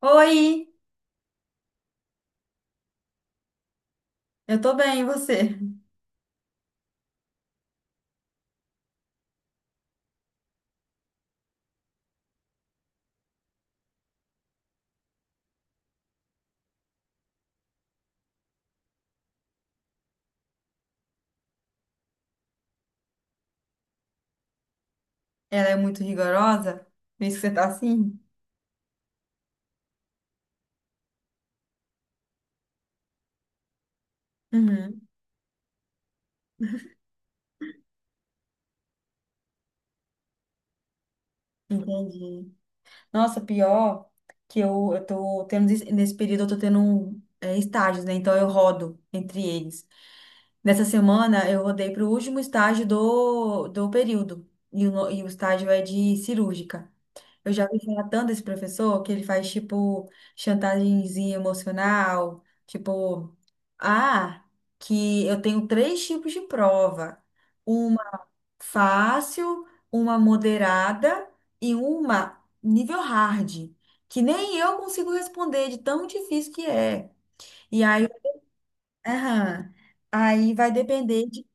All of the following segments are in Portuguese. Oi, eu tô bem, e você? Ela é muito rigorosa? Por isso que você tá assim? Uhum, entendi. Nossa, pior que eu tô tendo, nesse período eu tô tendo um, estágios, né? Então eu rodo entre eles. Nessa semana eu rodei pro último estágio do período. E o, no- e o estágio é de cirúrgica. Eu já ouvi falar tanto desse professor que ele faz, tipo, chantagemzinha emocional, tipo, ah, que eu tenho três tipos de prova. Uma fácil, uma moderada e uma nível hard, que nem eu consigo responder de tão difícil que é. E aí, aham, aí vai depender de,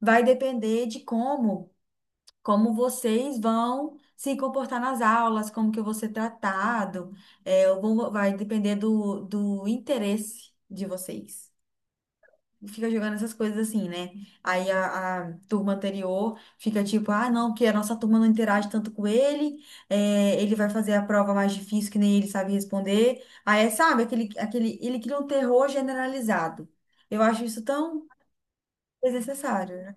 vai depender de como. Como vocês vão se comportar nas aulas, como que eu vou ser tratado, vai depender do interesse de vocês. Fica jogando essas coisas assim, né? Aí a turma anterior fica tipo, ah, não, porque a nossa turma não interage tanto com ele, ele vai fazer a prova mais difícil que nem ele sabe responder. Aí, sabe, ele cria um terror generalizado. Eu acho isso tão desnecessário, né?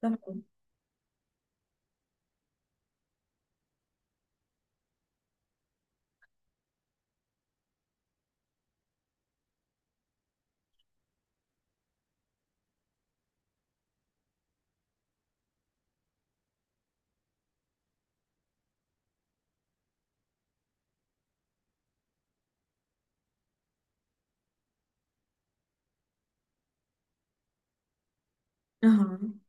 Também. Aham.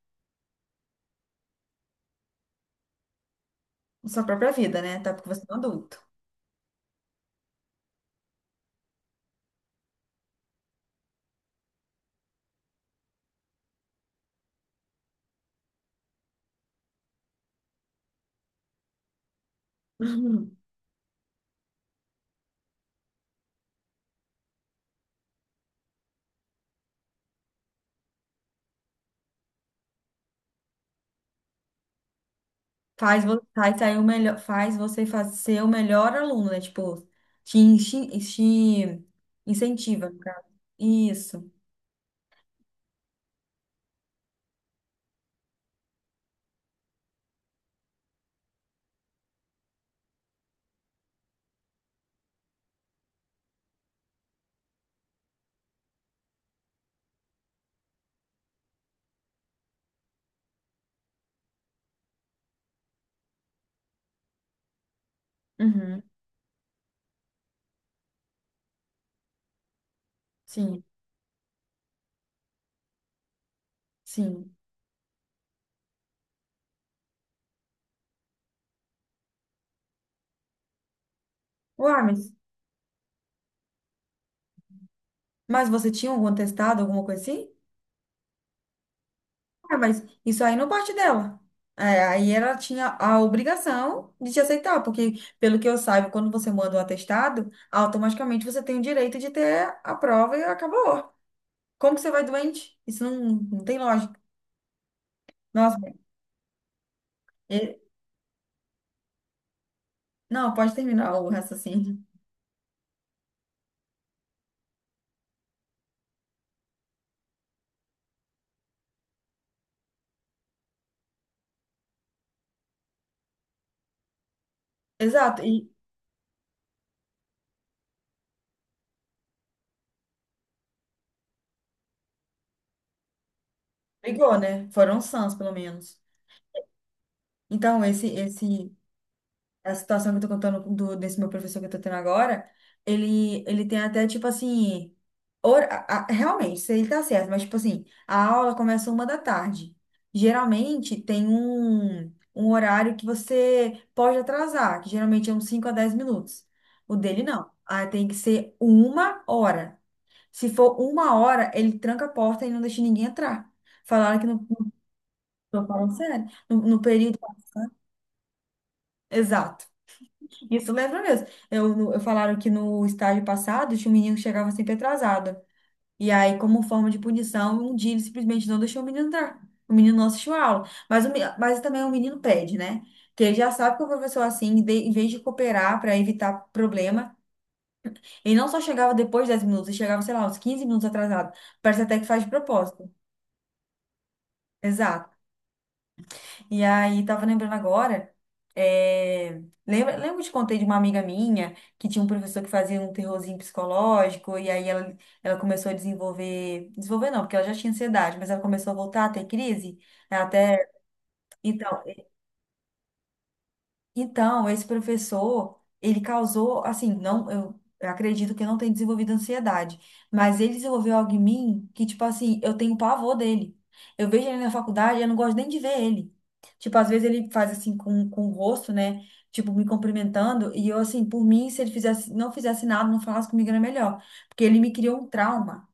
Sua própria vida, né? Até porque você é um adulto. Uhum. Faz, faz sair o melhor, faz você faz, ser o melhor aluno, né? Tipo, te incentiva, no caso. Isso. Uhum. Sim, sim. Uai, mas você tinha algum testado, alguma coisa assim? Uai, mas isso aí não parte dela. É, aí ela tinha a obrigação de te aceitar, porque, pelo que eu saiba, quando você manda um atestado, automaticamente você tem o direito de ter a prova e acabou. Como que você vai doente? Isso não, não tem lógica. Nossa, é. Não, pode terminar o raciocínio. Exato, e brigou, né? Foram sãs, pelo menos. Então, a situação que eu tô contando desse meu professor que eu tô tendo agora, ele tem até, tipo assim, realmente, isso ele tá certo, mas, tipo assim, a aula começa uma da tarde. Geralmente, tem um horário que você pode atrasar, que geralmente é uns 5 a 10 minutos. O dele, não. Ah, tem que ser uma hora. Se for uma hora, ele tranca a porta e não deixa ninguém entrar. Falaram que tô falando sério, no período exato. Isso lembra mesmo. Eu falaram que no estágio passado tinha um menino que chegava sempre atrasado. E aí, como forma de punição, um dia ele simplesmente não deixou o menino entrar. O menino não assistiu a aula. Mas também o menino pede, né? Que ele já sabe que o professor, é assim, em vez de cooperar para evitar problema, ele não só chegava depois de 10 minutos, ele chegava, sei lá, uns 15 minutos atrasado. Parece até que faz de propósito. Exato. E aí, tava lembrando agora, lembra que eu te contei de uma amiga minha que tinha um professor que fazia um terrorzinho psicológico, e aí ela começou a desenvolver, desenvolver não, porque ela já tinha ansiedade, mas ela começou a voltar a ter crise, ela até, então, esse professor, ele causou, assim, não, eu acredito que eu não tenha desenvolvido ansiedade, mas ele desenvolveu algo em mim que, tipo assim, eu tenho pavor dele. Eu vejo ele na faculdade, eu não gosto nem de ver ele. Tipo, às vezes ele faz assim com o rosto, né? Tipo, me cumprimentando, e eu, assim, por mim, se ele fizesse, não fizesse nada, não falasse comigo, era melhor. Porque ele me criou um trauma.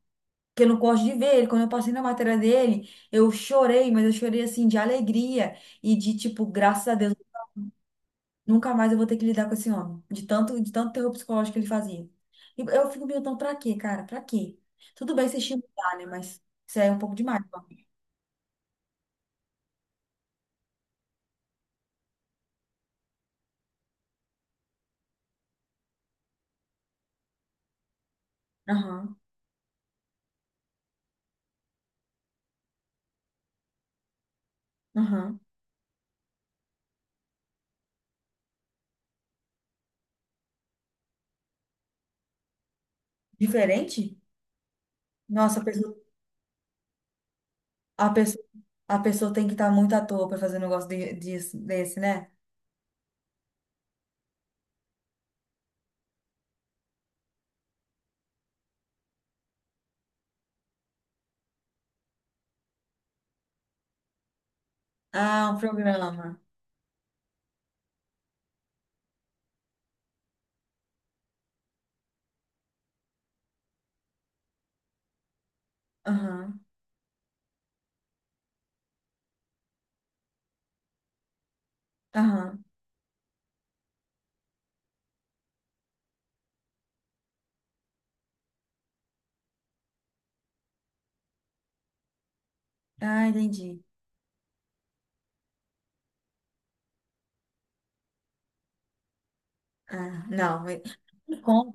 Que eu não gosto de ver ele. Quando eu passei na matéria dele, eu chorei, mas eu chorei assim de alegria e de tipo, graças a Deus. Nunca mais eu vou ter que lidar com esse homem. De tanto terror psicológico que ele fazia. E eu fico me perguntando, pra quê, cara? Pra quê? Tudo bem você estimular, né? Mas isso aí é um pouco demais. Ó. Aham, aham. Diferente? Nossa, a pessoa, a pessoa tem que estar muito à toa pra fazer um negócio desse, né? Ah, um programa. Aham, aham. Ah, entendi. Ah, não. Como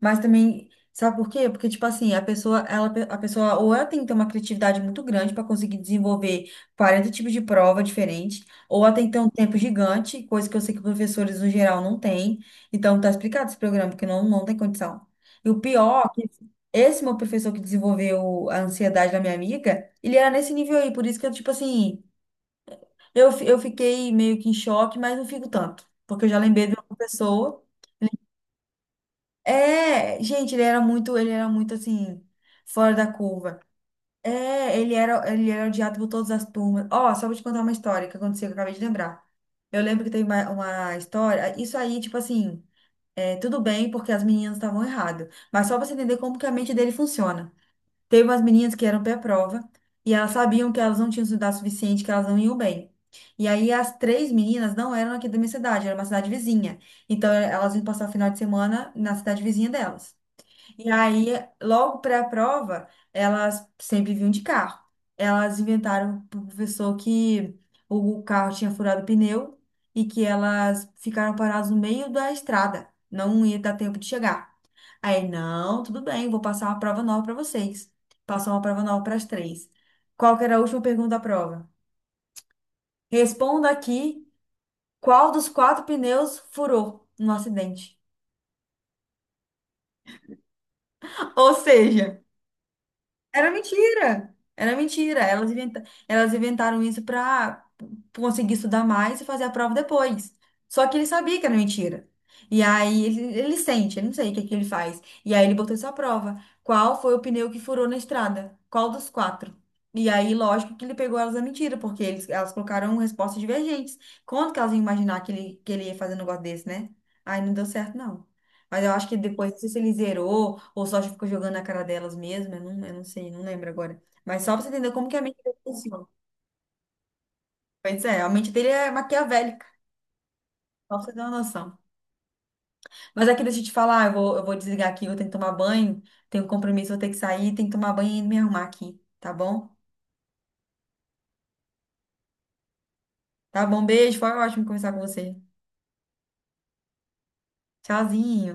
Mas também, sabe por quê? Porque, tipo assim, a pessoa ou ela tem que ter uma criatividade muito grande para conseguir desenvolver 40 tipos de prova diferentes, ou ela tem que ter um tempo gigante, coisa que eu sei que professores no geral não têm. Então, tá explicado esse programa, porque não, não tem condição. E o pior, é que esse meu professor que desenvolveu a ansiedade da minha amiga, ele era nesse nível aí, por isso que eu, tipo assim, eu fiquei meio que em choque, mas não fico tanto. Porque eu já lembrei de meu pessoa é, gente, ele era muito assim, fora da curva. É, ele era odiado por todas as turmas. Ó, só vou te contar uma história que aconteceu, que eu acabei de lembrar. Eu lembro que teve uma história, isso aí, tipo assim, tudo bem, porque as meninas estavam erradas. Mas só pra você entender como que a mente dele funciona. Teve umas meninas que eram pré-prova, e elas sabiam que elas não tinham estudado o suficiente, que elas não iam bem. E aí as três meninas não eram aqui da minha cidade, era uma cidade vizinha. Então elas iam passar o final de semana na cidade vizinha delas. E aí, logo para a prova, elas sempre vinham de carro. Elas inventaram pro professor que o carro tinha furado o pneu e que elas ficaram paradas no meio da estrada. Não ia dar tempo de chegar. Aí, não, tudo bem, vou passar uma prova nova para vocês. Passou uma prova nova para as três. Qual que era a última pergunta da prova? Responda aqui qual dos quatro pneus furou no acidente. Ou seja, era mentira. Era mentira. Elas inventaram isso para conseguir estudar mais e fazer a prova depois. Só que ele sabia que era mentira. E aí ele sente, ele não sei o que que ele faz. E aí ele botou essa prova. Qual foi o pneu que furou na estrada? Qual dos quatro? E aí, lógico que ele pegou elas na mentira, porque eles, elas colocaram respostas divergentes. Quando que elas iam imaginar que ele ia fazer um negócio desse, né? Aí não deu certo, não. Mas eu acho que depois, não sei se ele zerou ou só ficou jogando na cara delas mesmo, eu não sei, não lembro agora. Mas só pra você entender como que a mente dele funciona. Pois é, a mente dele é maquiavélica, só pra você ter uma noção. Mas aqui, deixa eu te falar, eu vou desligar aqui, eu tenho que tomar banho, tenho um compromisso, vou ter que sair, tenho que tomar banho e me arrumar aqui, tá bom? Tá bom, beijo, foi ótimo conversar com você. Tchauzinho.